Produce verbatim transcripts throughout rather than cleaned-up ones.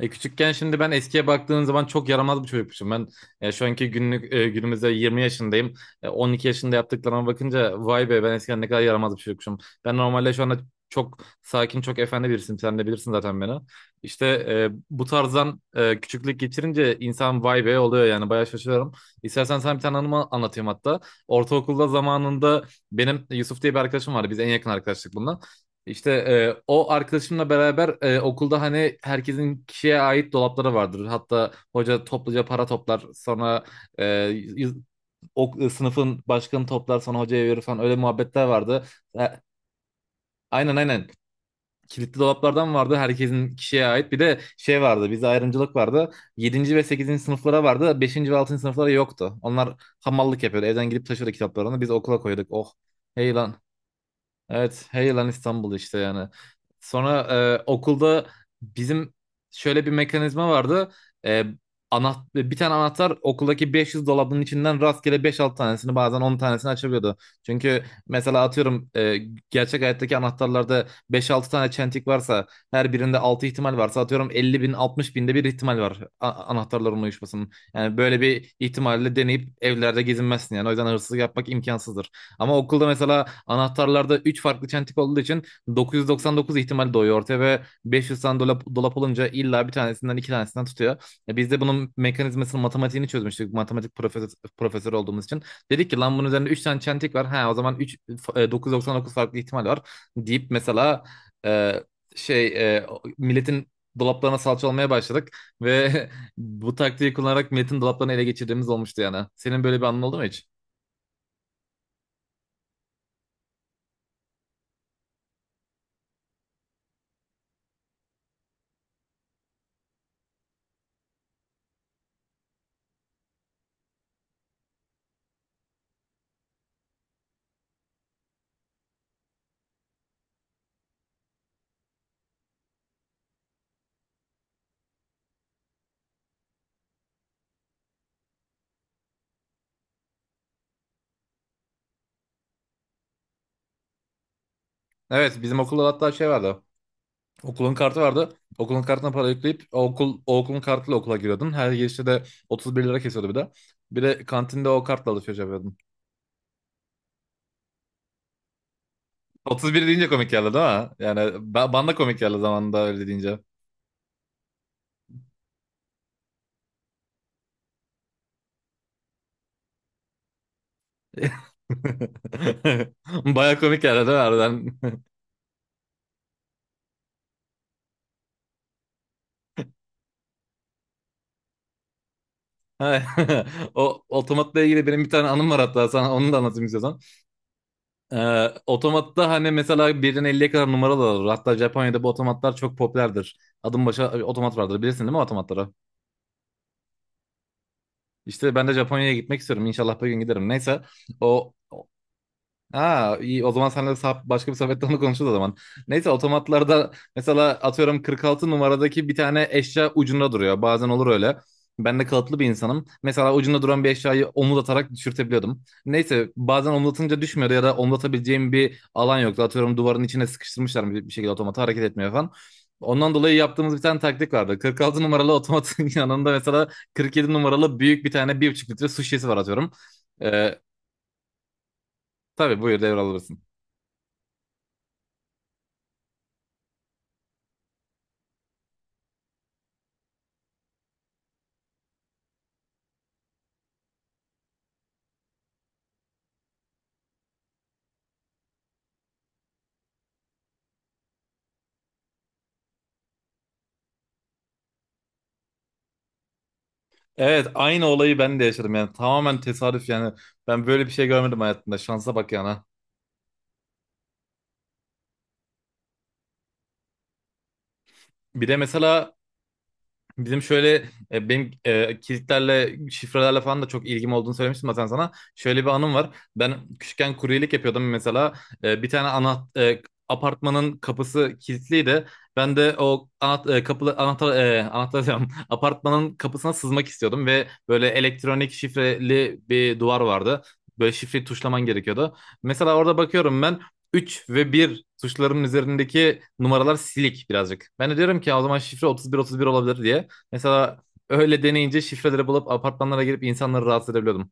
E küçükken şimdi ben eskiye baktığın zaman çok yaramaz bir çocukmuşum. Ben e, şu anki günlük e, günümüzde yirmi yaşındayım. E, on iki yaşında yaptıklarıma bakınca vay be ben eskiden ne kadar yaramaz bir çocukmuşum. Ben normalde şu anda çok sakin, çok efendi birisiyim. Sen de bilirsin zaten beni. İşte e, bu tarzdan e, küçüklük geçirince insan vay be oluyor yani, bayağı şaşırıyorum. İstersen sana bir tane anımı anlatayım hatta. Ortaokulda zamanında benim Yusuf diye bir arkadaşım vardı. Biz en yakın arkadaşlık bununla. İşte e, o arkadaşımla beraber e, okulda hani herkesin kişiye ait dolapları vardır. Hatta hoca topluca para toplar, sonra e, yüz- o, e, sınıfın başkanı toplar sonra hocaya verir falan, öyle muhabbetler vardı. E, aynen aynen. Kilitli dolaplardan vardı, herkesin kişiye ait. Bir de şey vardı, bize ayrımcılık vardı. Yedinci ve sekizinci sınıflara vardı, beşinci ve altıncı sınıflara yoktu. Onlar hamallık yapıyordu, evden gidip taşıyordu kitaplarını. Biz okula koyduk. Oh, hey lan. Evet, hey lan İstanbul işte yani. Sonra e, okulda bizim şöyle bir mekanizma vardı. E, ana, Bir tane anahtar okuldaki beş yüz dolabının içinden rastgele beş altı tanesini, bazen on tanesini açabiliyordu. Çünkü mesela atıyorum e, gerçek hayattaki anahtarlarda beş altı tane çentik varsa, her birinde altı ihtimal varsa, atıyorum elli bin altmış binde bir ihtimal var a- anahtarların uyuşmasının. Yani böyle bir ihtimalle deneyip evlerde gezinmezsin yani. O yüzden hırsızlık yapmak imkansızdır. Ama okulda mesela anahtarlarda üç farklı çentik olduğu için dokuz yüz doksan dokuz ihtimal doğuyor ortaya ve beş yüz tane dolap, dolap olunca illa bir tanesinden iki tanesinden tutuyor. E biz de bunun mekanizmasını matematiğini çözmüştük. Matematik profesör, profesör olduğumuz için. Dedik ki lan bunun üzerinde üç tane çentik var. Ha, o zaman üç, dokuz yüz doksan dokuz farklı ihtimal var deyip mesela e, şey e, milletin dolaplarına salça olmaya başladık ve bu taktiği kullanarak milletin dolaplarını ele geçirdiğimiz olmuştu yani. Senin böyle bir anın oldu mu hiç? Evet, bizim okulda hatta şey vardı. Okulun kartı vardı. Okulun kartına para yükleyip o okul o okulun kartıyla okula giriyordun. Her girişte de otuz bir lira kesiyordu bir de. Bir de kantinde o kartla alışveriş yapıyordun. otuz bir deyince komik geldi değil mi? Yani ba- bana da komik geldi zamanında öyle deyince. Baya komik geldi değil mi harbiden? Ha, o otomatla ilgili benim bir tane anım var hatta, sana onu da anlatayım istiyorsan. Ee, otomatta hani mesela birden elliye kadar numaralar olur. Hatta Japonya'da bu otomatlar çok popülerdir. Adım başa otomat vardır, bilirsin değil mi otomatları? İşte ben de Japonya'ya gitmek istiyorum. İnşallah bir gün giderim. Neyse o ha, iyi o zaman seninle sah- başka bir sohbette onu konuşuruz o zaman. Neyse, otomatlarda mesela atıyorum kırk altı numaradaki bir tane eşya ucunda duruyor. Bazen olur öyle. Ben de kalıplı bir insanım. Mesela ucunda duran bir eşyayı omuz atarak düşürtebiliyordum. Neyse, bazen omuzatınca düşmüyordu ya da omuzatabileceğim bir alan yoktu. Atıyorum duvarın içine sıkıştırmışlar bir bir şekilde, otomatı hareket etmiyor falan. Ondan dolayı yaptığımız bir tane taktik vardı. kırk altı numaralı otomatın yanında mesela kırk yedi numaralı büyük bir tane bir buçuk litre su şişesi var atıyorum. Ee, tabii, buyur devralabilirsin. Evet, aynı olayı ben de yaşadım yani, tamamen tesadüf yani. Ben böyle bir şey görmedim hayatımda, şansa bak yani. Bir de mesela bizim şöyle e, benim e, kilitlerle, şifrelerle falan da çok ilgim olduğunu söylemiştim zaten sana. Şöyle bir anım var. Ben küçükken kuryelik yapıyordum mesela. E, bir tane ana e, apartmanın kapısı kilitliydi. Ben de o anahtar e, kapı anahtar e, anahtar diyorum. Apartmanın kapısına sızmak istiyordum ve böyle elektronik şifreli bir duvar vardı. Böyle şifreyi tuşlaman gerekiyordu. Mesela orada bakıyorum ben üç ve bir tuşlarının üzerindeki numaralar silik birazcık. Ben de diyorum ki o zaman şifre otuz bir otuz bir olabilir diye. Mesela öyle deneyince şifreleri bulup apartmanlara girip insanları rahatsız edebiliyordum.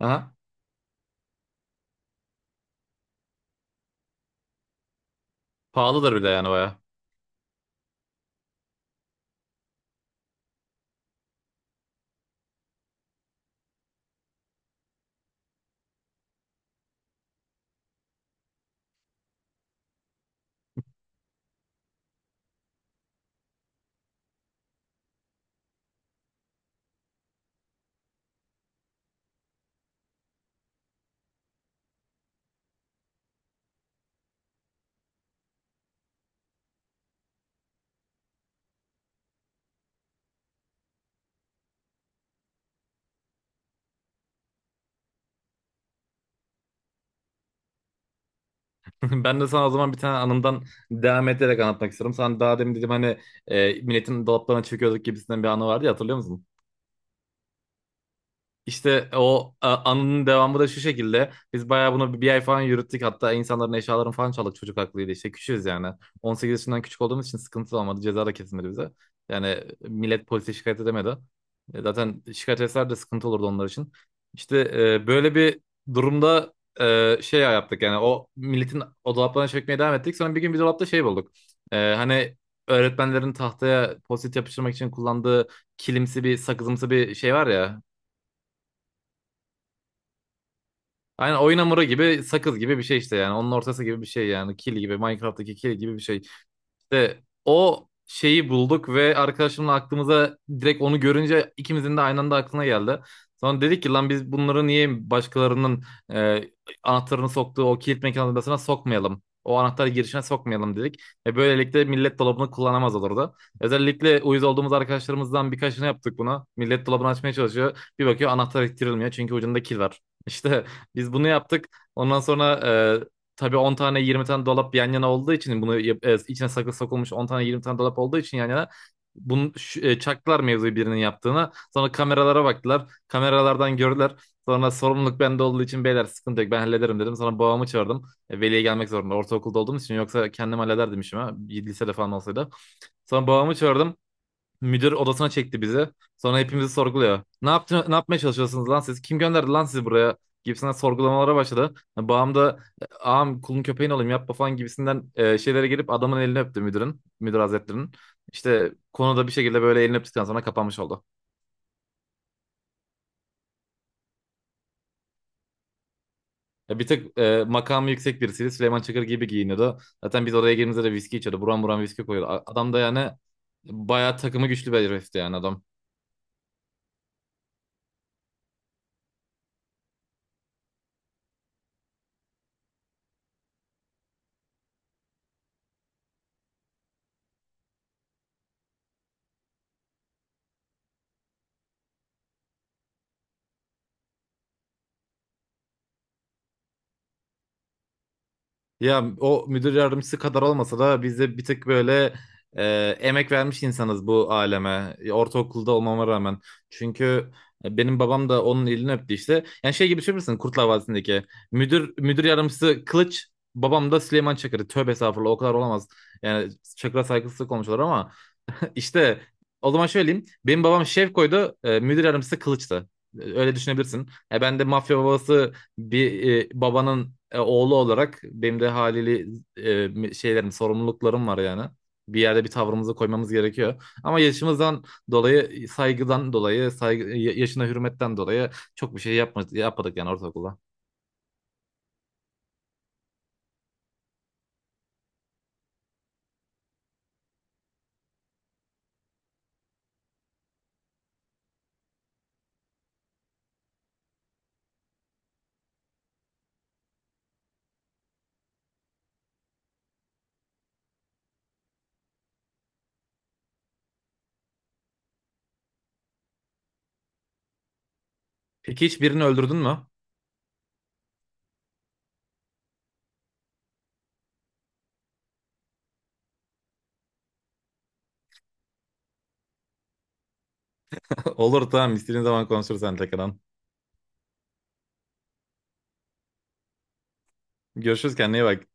Aha. Pahalıdır bir de yani, baya. Ben de sana o zaman bir tane anımdan devam ederek anlatmak istiyorum. Sen daha demin dedim hani e, milletin dolaplarına çöküyorduk gibisinden bir anı vardı ya, hatırlıyor musun? İşte o e, anının devamı da şu şekilde. Biz bayağı bunu bir bir ay falan yürüttük. Hatta insanların eşyalarını falan çaldık. Çocuk haklıydı, İşte küçüğüz yani. on sekiz yaşından küçük olduğumuz için sıkıntı olmadı, ceza da kesilmedi bize. Yani millet polise şikayet edemedi. E, Zaten şikayet etseler de sıkıntı olurdu onlar için. İşte e, böyle bir durumda e, şey yaptık yani. O milletin o dolaplarına çökmeye devam ettik. Sonra bir gün bir dolapta şey bulduk. E, hani öğretmenlerin tahtaya post yapıştırmak için kullandığı kilimsi bir, sakızımsı bir şey var ya. Aynen oyun hamuru gibi, sakız gibi bir şey işte yani. Onun ortası gibi bir şey yani. Kil gibi, Minecraft'taki kil gibi bir şey. İşte o şeyi bulduk ve arkadaşımla aklımıza, direkt onu görünce ikimizin de aynı anda aklına geldi. Sonra dedik ki lan biz bunları niye başkalarının e, anahtarını soktuğu o kilit mekanizmasına sokmayalım, o anahtar girişine sokmayalım dedik. Ve böylelikle millet dolabını kullanamaz olurdu. Özellikle uyuz olduğumuz arkadaşlarımızdan birkaçını yaptık buna. Millet dolabını açmaya çalışıyor, bir bakıyor anahtar ittirilmiyor çünkü ucunda kil var. İşte biz bunu yaptık. Ondan sonra e, tabii on tane yirmi tane dolap yan yana olduğu için bunu yap- e, içine saklı sokulmuş on tane yirmi tane dolap olduğu için yan yana bunu ş- e, çaktılar mevzuyu birinin yaptığına. Sonra kameralara baktılar, kameralardan gördüler. Sonra sorumluluk bende olduğu için, beyler sıkıntı yok ben hallederim dedim. Sonra babamı çağırdım. E, veliye gelmek zorunda, ortaokulda olduğum için, yoksa kendim hallederdim işimi. ha, Lisede falan olsaydı. Sonra babamı çağırdım. Müdür odasına çekti bizi. Sonra hepimizi sorguluyor. Ne yaptın, ne yapmaya çalışıyorsunuz lan siz? Kim gönderdi lan sizi buraya gibisinden sorgulamalara başladı. Yani Bağım da "E, ağam kulun köpeğin olayım, yapma" falan gibisinden e, şeylere gelip adamın elini öptü müdürün, müdür hazretlerinin. İşte konuda bir şekilde böyle elini öptükten sonra kapanmış oldu. Ya bir tık e, makamı yüksek birisiydi. Süleyman Çakır gibi giyiniyordu. Zaten biz oraya girdiğimizde de viski içiyordu, buram buram viski koyuyordu. A- Adam da yani bayağı takımı güçlü bir herifti yani adam. Ya o müdür yardımcısı kadar olmasa da biz de bir tık böyle e, emek vermiş insanız bu aleme. E, Ortaokulda olmama rağmen. Çünkü e, benim babam da onun elini öptü işte. Yani şey gibi düşünür müsün, Kurtlar Vadisi'ndeki. Müdür müdür yardımcısı Kılıç, babam da Süleyman Çakır'ı. Tövbe estağfurullah, o kadar olamaz. Yani Çakır'a saygısızlık olmuşlar ama işte o zaman şöyle diyeyim. Benim babam Şevko'ydu. E, müdür yardımcısı Kılıç'tı. E, Öyle düşünebilirsin. E, ben de mafya babası bir e, babanın e, oğlu olarak benim de haliyle e, şeylerim, sorumluluklarım var yani. Bir yerde bir tavrımızı koymamız gerekiyor. Ama yaşımızdan dolayı, saygıdan dolayı, saygı, ya- yaşına hürmetten dolayı çok bir şey yapma, yapmadık yani ortaokulda. Peki hiç birini öldürdün mü? Olur, tamam, istediğin zaman konuşuruz sen tekrardan. Görüşürüz, kendine iyi bak.